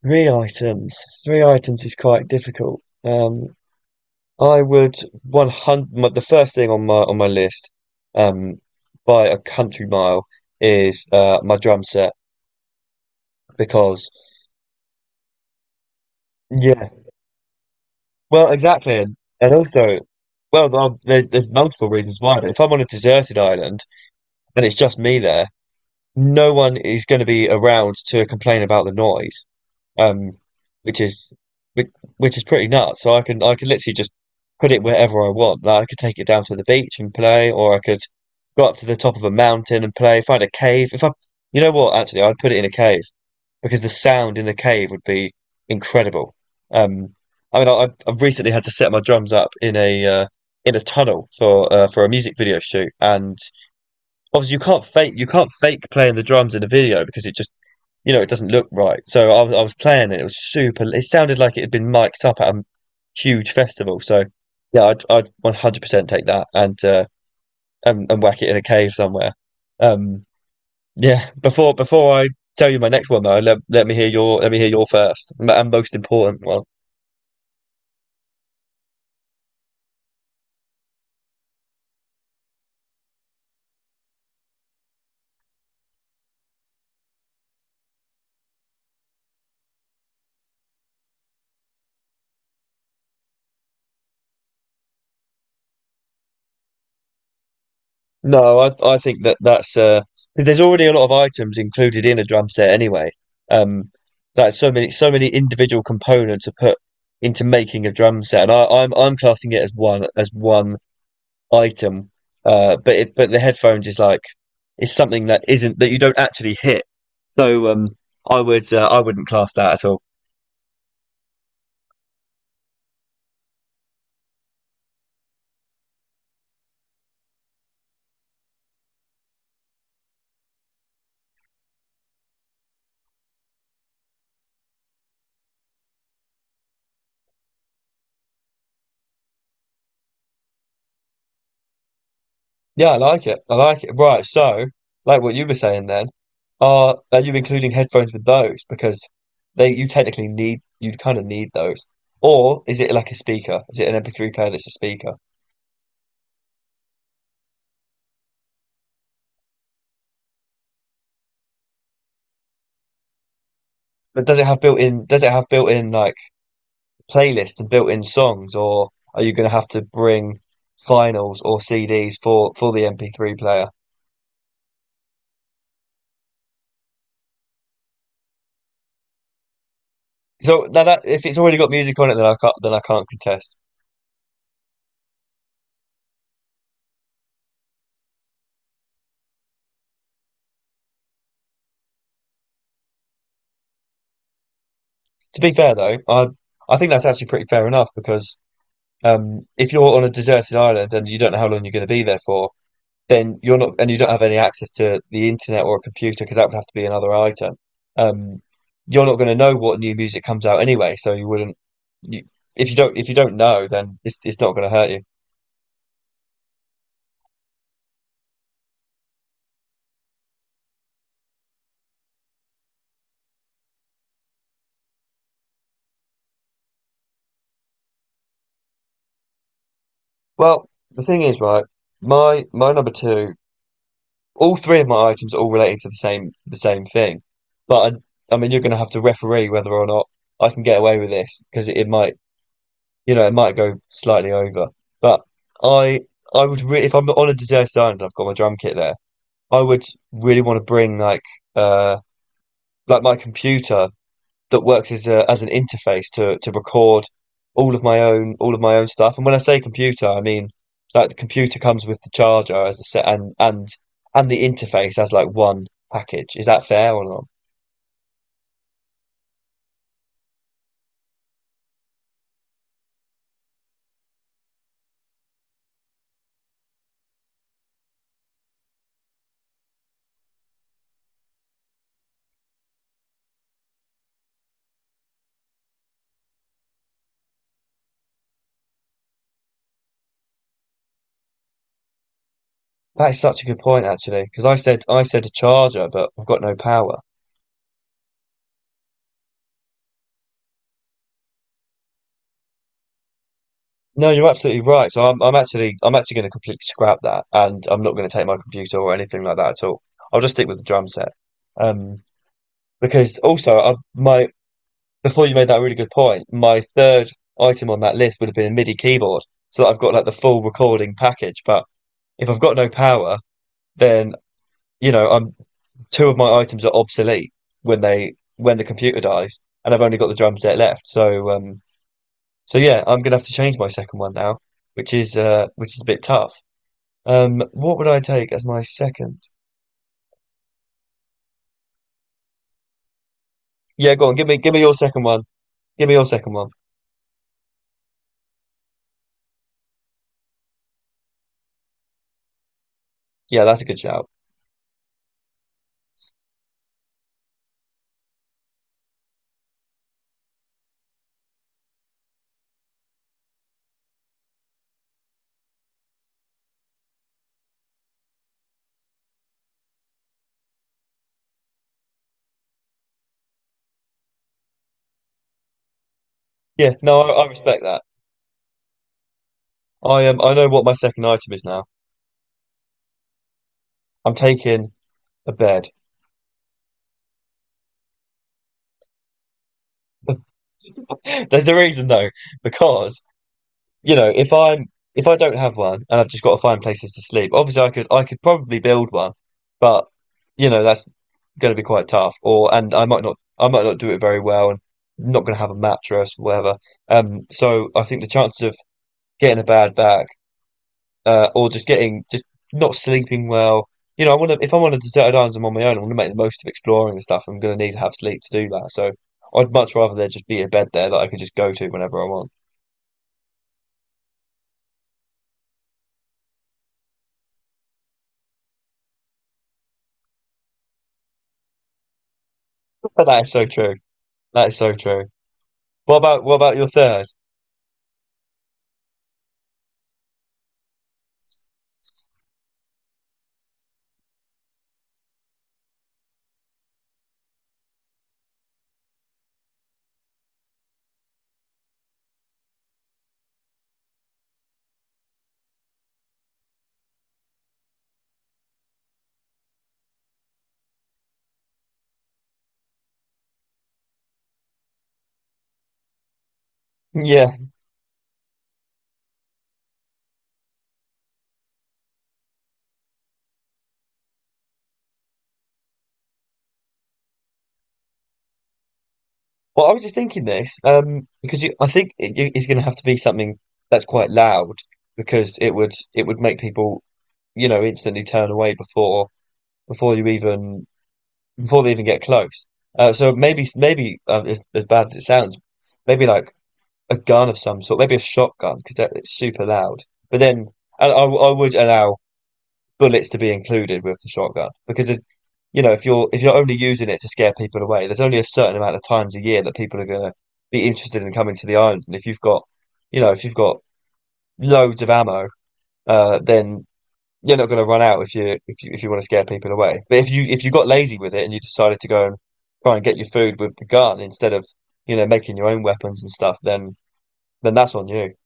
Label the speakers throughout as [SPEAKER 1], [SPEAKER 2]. [SPEAKER 1] Three items. Three items is quite difficult. I would 100. The first thing on my list, um, by a country mile, is my drum set because yeah, well, exactly, and also, well, there's multiple reasons why. But if I'm on a deserted island and it's just me there, no one is going to be around to complain about the noise. um, which is which, which is pretty nuts. So I can literally just put it wherever I want. Like I could take it down to the beach and play, or I could go up to the top of a mountain and play. Find a cave. If I, You know what, actually, I'd put it in a cave because the sound in the cave would be incredible. Um, I mean, I've recently had to set my drums up in a tunnel for a music video shoot, and obviously you can't fake playing the drums in a video because it just you know, it doesn't look right. So I was playing it. It was super. It sounded like it had been mic'd up at a huge festival. So yeah, I'd 100% take that and and whack it in a cave somewhere. Um, yeah. Before I tell you my next one though, let me hear your let me hear your first and most important one. No, I think that that's 'cause there's already a lot of items included in a drum set anyway. Um, like so many individual components are put into making a drum set, and I'm classing it as one item. But but the headphones is like it's something that isn't that you don't actually hit. So I would I wouldn't class that at all. Yeah, I like it. I like it. Right, so like what you were saying then, are you including headphones with those? Because they you technically need you kind of need those. Or is it like a speaker? Is it an MP3 player that's a speaker? But does it have built in like playlists and built in songs, or are you gonna have to bring vinyls or CDs for the MP3 player? So now that if it's already got music on it, then I can't contest. To be fair though, I think that's actually pretty fair enough because if you're on a deserted island and you don't know how long you're going to be there for, then you're not, and you don't have any access to the internet or a computer because that would have to be another item. Um, you're not going to know what new music comes out anyway, so you wouldn't. You, if you don't know, then it's not going to hurt you. Well, the thing is, right? My number two, all three of my items are all relating to the same thing, but I mean, you're going to have to referee whether or not I can get away with this because it might you know, it might go slightly over. But I I would really if I'm on a deserted island, I've got my drum kit there. I would really want to bring uh like my computer that works as a as an interface to record all of my own stuff. And when I say computer, I mean like the computer comes with the charger as the set and and the interface as like one package. Is that fair or not? That is such a good point actually, because I said a charger, but I've got no power. No, you're absolutely right. So I'm actually going to completely scrap that, and I'm not going to take my computer or anything like that at all. I'll just stick with the drum set. Um, because also my before you made that really good point, my third item on that list would have been a MIDI keyboard, so that I've got like the full recording package. But if I've got no power, then you know I'm two of my items are obsolete when the computer dies, and I've only got the drum set left. So so yeah, I'm gonna have to change my second one now, which is a bit tough. What would I take as my second? Yeah, go on. Give me your second one. Give me your second one. Yeah, that's a good shout. Yeah, no, I respect that. I know what my second item is now. I'm taking a bed. There's a reason though, because you know, if I don't have one and I've just got to find places to sleep, obviously I could probably build one, but you know that's going to be quite tough. Or and I might not do it very well and not going to have a mattress, whatever. So I think the chances of getting a bad back or just getting just not sleeping well. You know, I want to if I'm on a deserted island I'm on my own, I want to make the most of exploring and stuff. I'm going to need to have sleep to do that. So I'd much rather there just be a bed there that I could just go to whenever I want. That is so true. That is so true. What about your third? Yeah. Well, I was just thinking this because you, I think it's going to have to be something that's quite loud because it would make people you know instantly turn away before you even before they even get close. So maybe as bad as it sounds, maybe like a gun of some sort, maybe a shotgun because it's super loud. But then I would allow bullets to be included with the shotgun you know if you're only using it to scare people away, there's only a certain amount of times a year that people are going to be interested in coming to the island. And if you've got, you know, if you've got loads of ammo, then you're not going to run out if you if you if you want to scare people away. But if you got lazy with it and you decided to go and try and get your food with the gun instead of you know making your own weapons and stuff, then that's on you.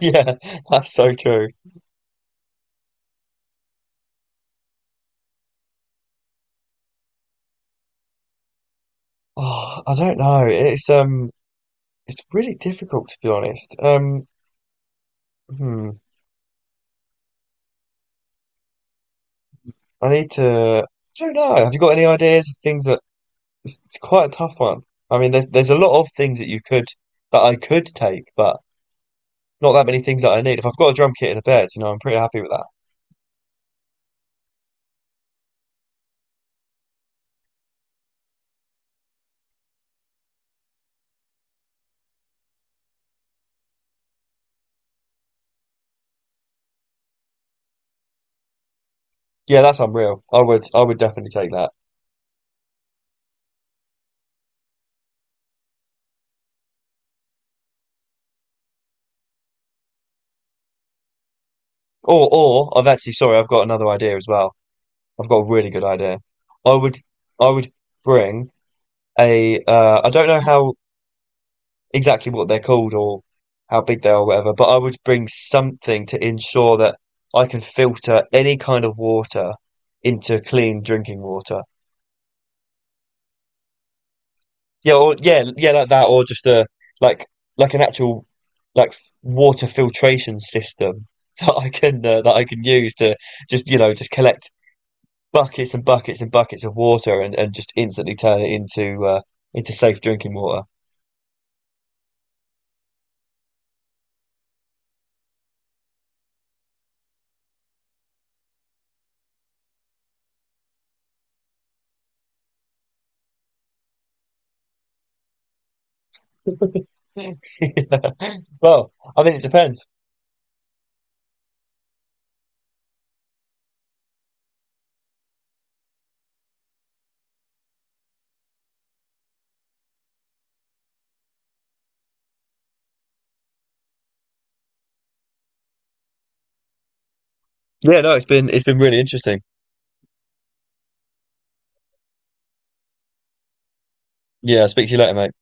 [SPEAKER 1] Yeah, that's so true. Oh, I don't know. It's really difficult to be honest. Hmm, I need to. I don't know. Have you got any ideas of things that it's quite a tough one. I mean, there's a lot of things that you could that I could take, but not that many things that I need. If I've got a drum kit and a bed, you know, I'm pretty happy with that. Yeah, that's unreal. I would definitely take that. Or I've actually sorry, I've got another idea as well. I've got a really good idea. I would I would bring a I don't know how exactly what they're called or how big they are or whatever, but I would bring something to ensure that I can filter any kind of water into clean drinking water. Yeah, or yeah, yeah, like that, or just a like like an actual water filtration system that I can use to just you know just collect buckets and buckets and buckets of water and just instantly turn it into safe drinking water. Yeah. Well, I mean it depends. Yeah, no, it's been really interesting. Yeah, I'll speak to you later, mate.